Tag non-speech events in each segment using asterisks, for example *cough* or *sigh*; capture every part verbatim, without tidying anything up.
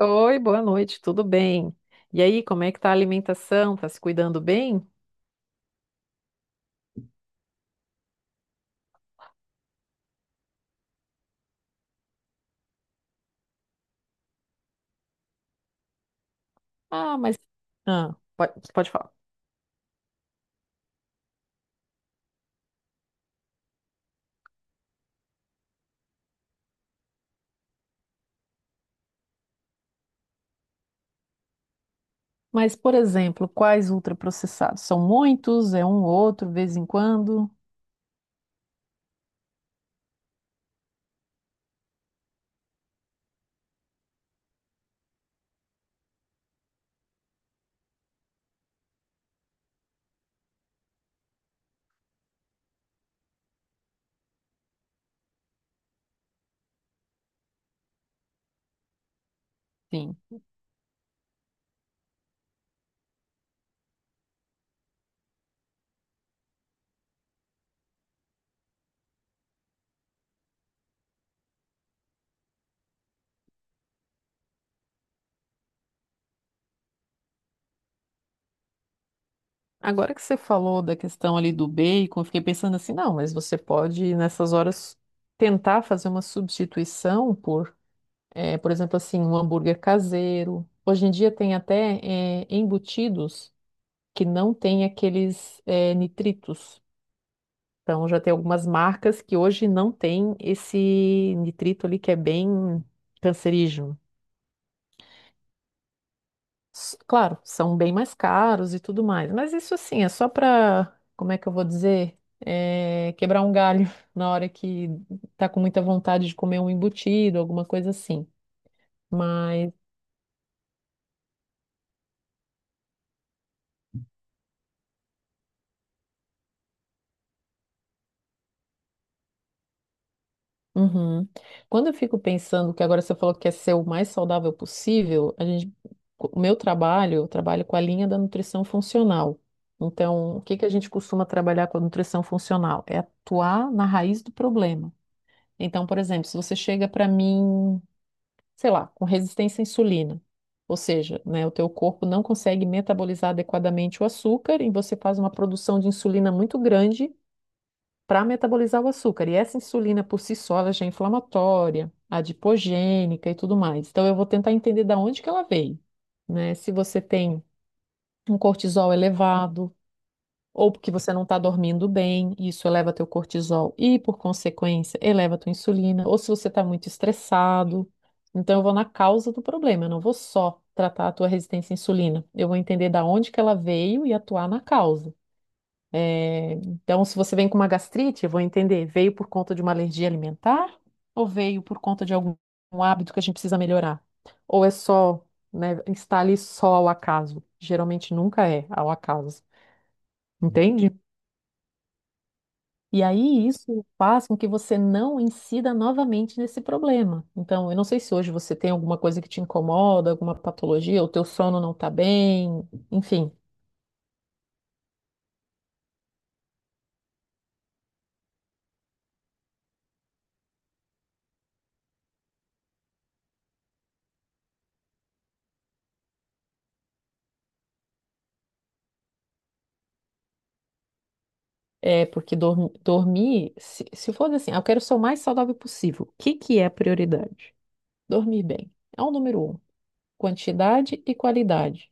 Oi, boa noite, tudo bem? E aí, como é que tá a alimentação? Tá se cuidando bem? Ah, mas. Ah, pode, pode falar. Mas, por exemplo, quais ultraprocessados? São muitos? É um ou outro, vez em quando? Sim. Agora que você falou da questão ali do bacon, eu fiquei pensando assim, não, mas você pode, nessas horas, tentar fazer uma substituição por, eh, por exemplo, assim, um hambúrguer caseiro. Hoje em dia tem até, eh, embutidos que não têm aqueles, eh, nitritos. Então já tem algumas marcas que hoje não tem esse nitrito ali que é bem cancerígeno. S- Claro, são bem mais caros e tudo mais, mas isso assim é só para, como é que eu vou dizer, é, quebrar um galho *laughs* na hora que tá com muita vontade de comer um embutido, alguma coisa assim. Mas uhum. Quando eu fico pensando que agora você falou que quer ser o mais saudável possível, a gente, o meu trabalho, eu trabalho com a linha da nutrição funcional. Então, o que que a gente costuma trabalhar com a nutrição funcional? É atuar na raiz do problema. Então, por exemplo, se você chega para mim, sei lá, com resistência à insulina, ou seja, né, o teu corpo não consegue metabolizar adequadamente o açúcar e você faz uma produção de insulina muito grande para metabolizar o açúcar. E essa insulina por si só, ela já é inflamatória, adipogênica e tudo mais. Então eu vou tentar entender da onde que ela veio, né? Se você tem um cortisol elevado ou porque você não está dormindo bem, isso eleva teu cortisol e por consequência eleva tua insulina, ou se você está muito estressado. Então eu vou na causa do problema, eu não vou só tratar a tua resistência à insulina. Eu vou entender da onde que ela veio e atuar na causa. É, então, se você vem com uma gastrite, eu vou entender, veio por conta de uma alergia alimentar ou veio por conta de algum hábito que a gente precisa melhorar? Ou é só, né, está ali só ao acaso? Geralmente nunca é ao acaso, entende? E aí isso faz com que você não incida novamente nesse problema. Então, eu não sei se hoje você tem alguma coisa que te incomoda, alguma patologia, o teu sono não está bem, enfim. É, porque dorm- dormir, se, se for assim, ah, eu quero ser o mais saudável possível. O que que é prioridade? Dormir bem. É o número um. Quantidade e qualidade.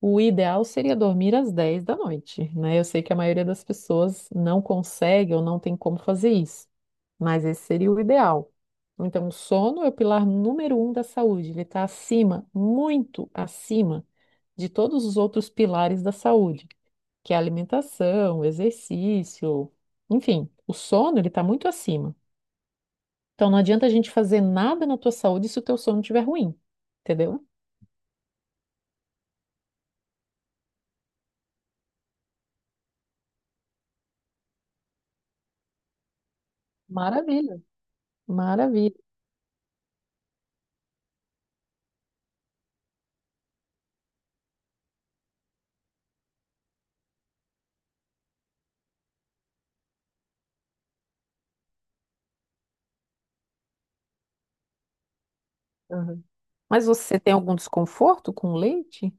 O ideal seria dormir às dez da noite, né? Eu sei que a maioria das pessoas não consegue ou não tem como fazer isso, mas esse seria o ideal. Então, o sono é o pilar número um da saúde. Ele está acima, muito acima de todos os outros pilares da saúde que é a alimentação, o exercício, enfim, o sono ele está muito acima. Então não adianta a gente fazer nada na tua saúde se o teu sono estiver ruim, entendeu? Maravilha. Maravilha. Aham. Mas você tem algum desconforto com o leite?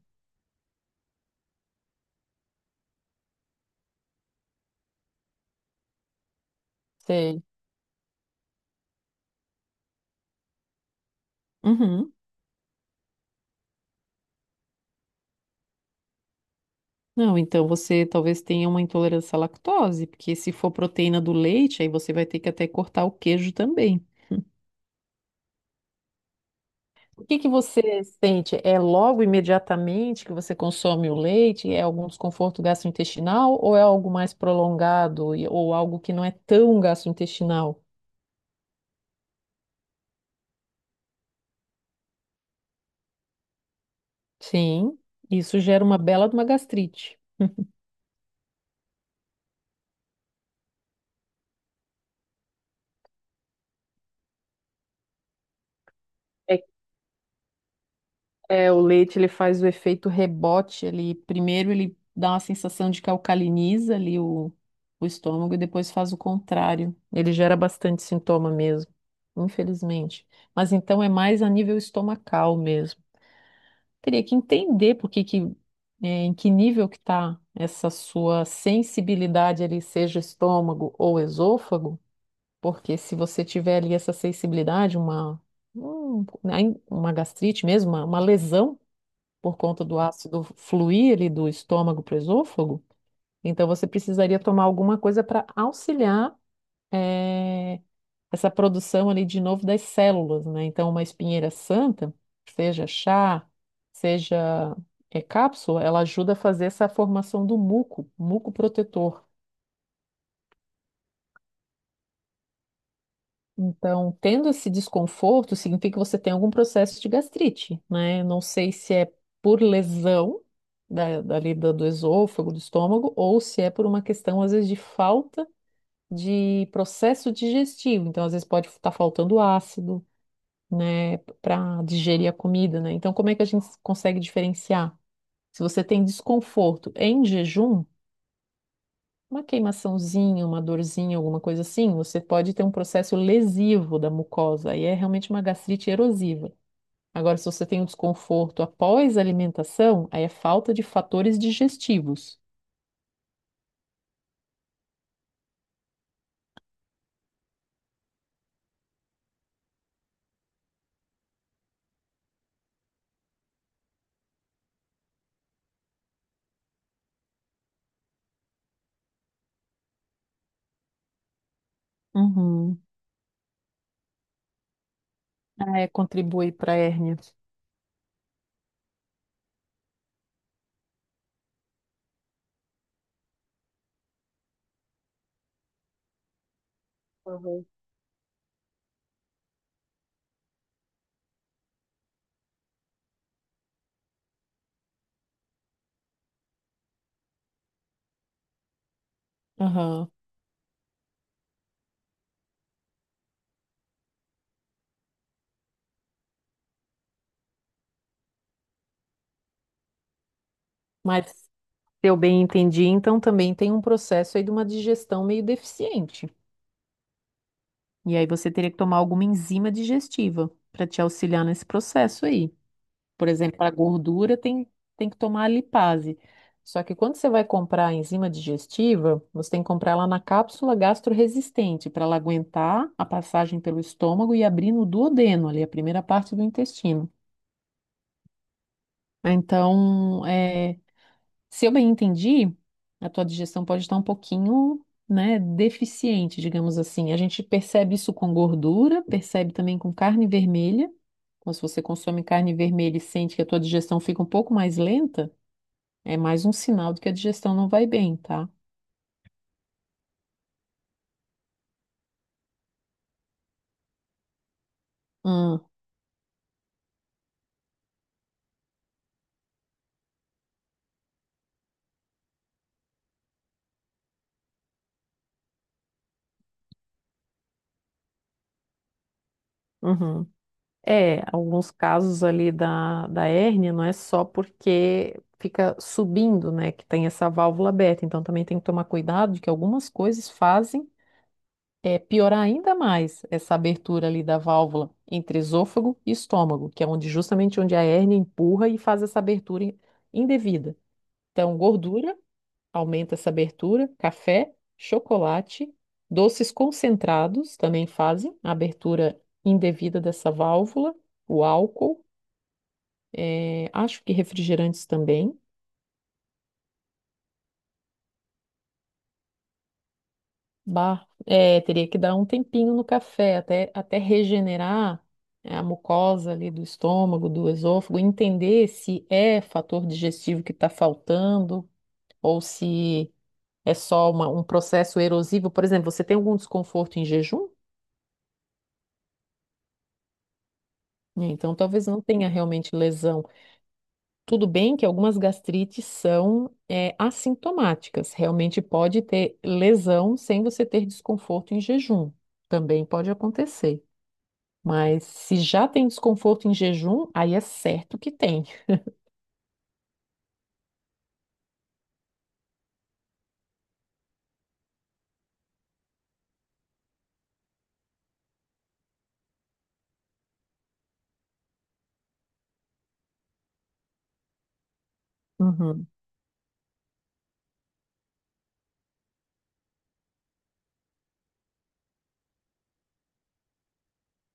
Sei. Uhum. Não, então você talvez tenha uma intolerância à lactose, porque se for proteína do leite, aí você vai ter que até cortar o queijo também. O que que você sente? É logo imediatamente que você consome o leite? É algum desconforto gastrointestinal ou é algo mais prolongado e- ou algo que não é tão gastrointestinal? Sim, isso gera uma bela de uma gastrite. *laughs* É, é, o leite ele faz o efeito rebote, ele primeiro ele dá uma sensação de que alcaliniza ali o, o estômago e depois faz o contrário. Ele gera bastante sintoma mesmo, infelizmente. Mas então é mais a nível estomacal mesmo. Teria que entender por que que, é, em que nível que está essa sua sensibilidade ali, seja estômago ou esôfago, porque se você tiver ali essa sensibilidade, uma, um- ai- uma gastrite mesmo, uma, uma lesão por conta do ácido fluir ali do estômago para o esôfago, então você precisaria tomar alguma coisa para auxiliar eh, essa produção ali de novo das células, né? Então, uma espinheira santa, seja chá, seja é, cápsula, ela ajuda a fazer essa formação do muco, muco protetor. Então, tendo esse desconforto, significa que você tem algum processo de gastrite, né? Eu não sei se é por lesão da, dali da- do esôfago, do estômago, ou se é por uma questão, às vezes, de falta de processo digestivo. Então, às vezes, pode estar faltando ácido, né, para digerir a comida, né? Então, como é que a gente consegue diferenciar? Se você tem desconforto em jejum, uma queimaçãozinha, uma dorzinha, alguma coisa assim, você pode ter um processo lesivo da mucosa, e é realmente uma gastrite erosiva. Agora, se você tem um desconforto após a alimentação, aí é falta de fatores digestivos. Uhum. Ah, é, contribui para a hérnia. Uhum. Aham. Mas, se eu bem entendi, então também tem um processo aí de uma digestão meio deficiente. E aí você teria que tomar alguma enzima digestiva para te auxiliar nesse processo aí. Por exemplo, para gordura tem, tem que tomar a lipase. Só que quando você vai comprar a enzima digestiva, você tem que comprar ela na cápsula gastroresistente, para ela aguentar a passagem pelo estômago e abrir no duodeno, ali, a primeira parte do intestino. Então, é, se eu bem entendi, a tua digestão pode estar um pouquinho, né, deficiente, digamos assim. A gente percebe isso com gordura, percebe também com carne vermelha. Então, se você consome carne vermelha e sente que a tua digestão fica um pouco mais lenta, é mais um sinal de que a digestão não vai bem, tá? Hum, uhum. É, alguns casos ali da, da hérnia não é só porque fica subindo, né, que tem essa válvula aberta. Então também tem que tomar cuidado de que algumas coisas fazem. É piorar ainda mais essa abertura ali da válvula entre esôfago e estômago, que é onde justamente onde a hérnia empurra e faz essa abertura in- indevida. Então, gordura aumenta essa abertura, café, chocolate, doces concentrados também fazem a abertura indevida dessa válvula, o álcool, eh, acho que refrigerantes também. Bah, é, teria que dar um tempinho no café até, até regenerar, né, a mucosa ali do estômago, do esôfago, entender se é fator digestivo que está faltando ou se é só uma- um processo erosivo. Por exemplo, você tem algum desconforto em jejum? Né, então, talvez não tenha realmente lesão. Tudo bem que algumas gastrites são, é, assintomáticas. Realmente pode ter lesão sem você ter desconforto em jejum. Também pode acontecer. Mas se já tem desconforto em jejum, aí é certo que tem. Uhum,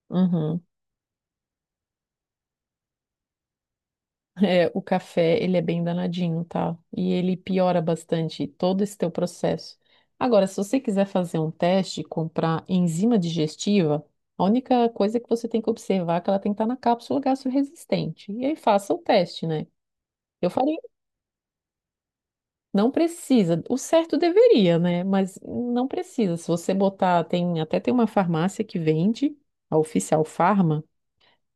uhum. É, o café, ele é bem danadinho, tá? E ele piora bastante todo esse teu processo. Agora, se você quiser fazer um teste e comprar enzima digestiva, a única coisa que você tem que observar é que ela tem que estar na cápsula gastroresistente. E aí faça o teste, né? Eu falei, não precisa. O certo deveria, né? Mas não precisa. Se você botar, tem até tem uma farmácia que vende, a Oficial Farma,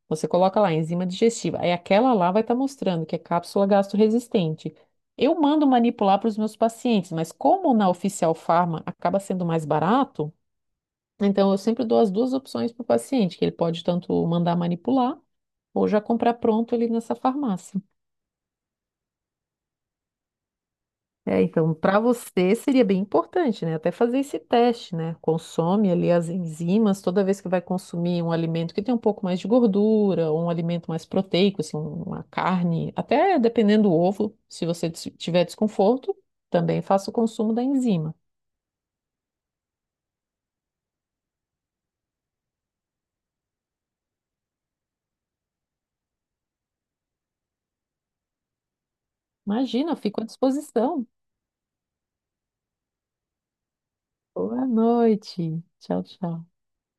você coloca lá enzima digestiva. Aí aquela lá vai estar mostrando que é cápsula gastroresistente. Eu mando manipular para os meus pacientes, mas como na Oficial Farma acaba sendo mais barato, então eu sempre dou as duas opções para o paciente, que ele pode tanto mandar manipular ou já comprar pronto ali nessa farmácia. É, então, para você seria bem importante, né? Até fazer esse teste, né? Consome ali as enzimas toda vez que vai consumir um alimento que tem um pouco mais de gordura, ou um alimento mais proteico, assim, uma carne, até dependendo do ovo, se você des- tiver desconforto, também faça o consumo da enzima. Imagina, eu fico à disposição. Boa noite. Tchau, tchau.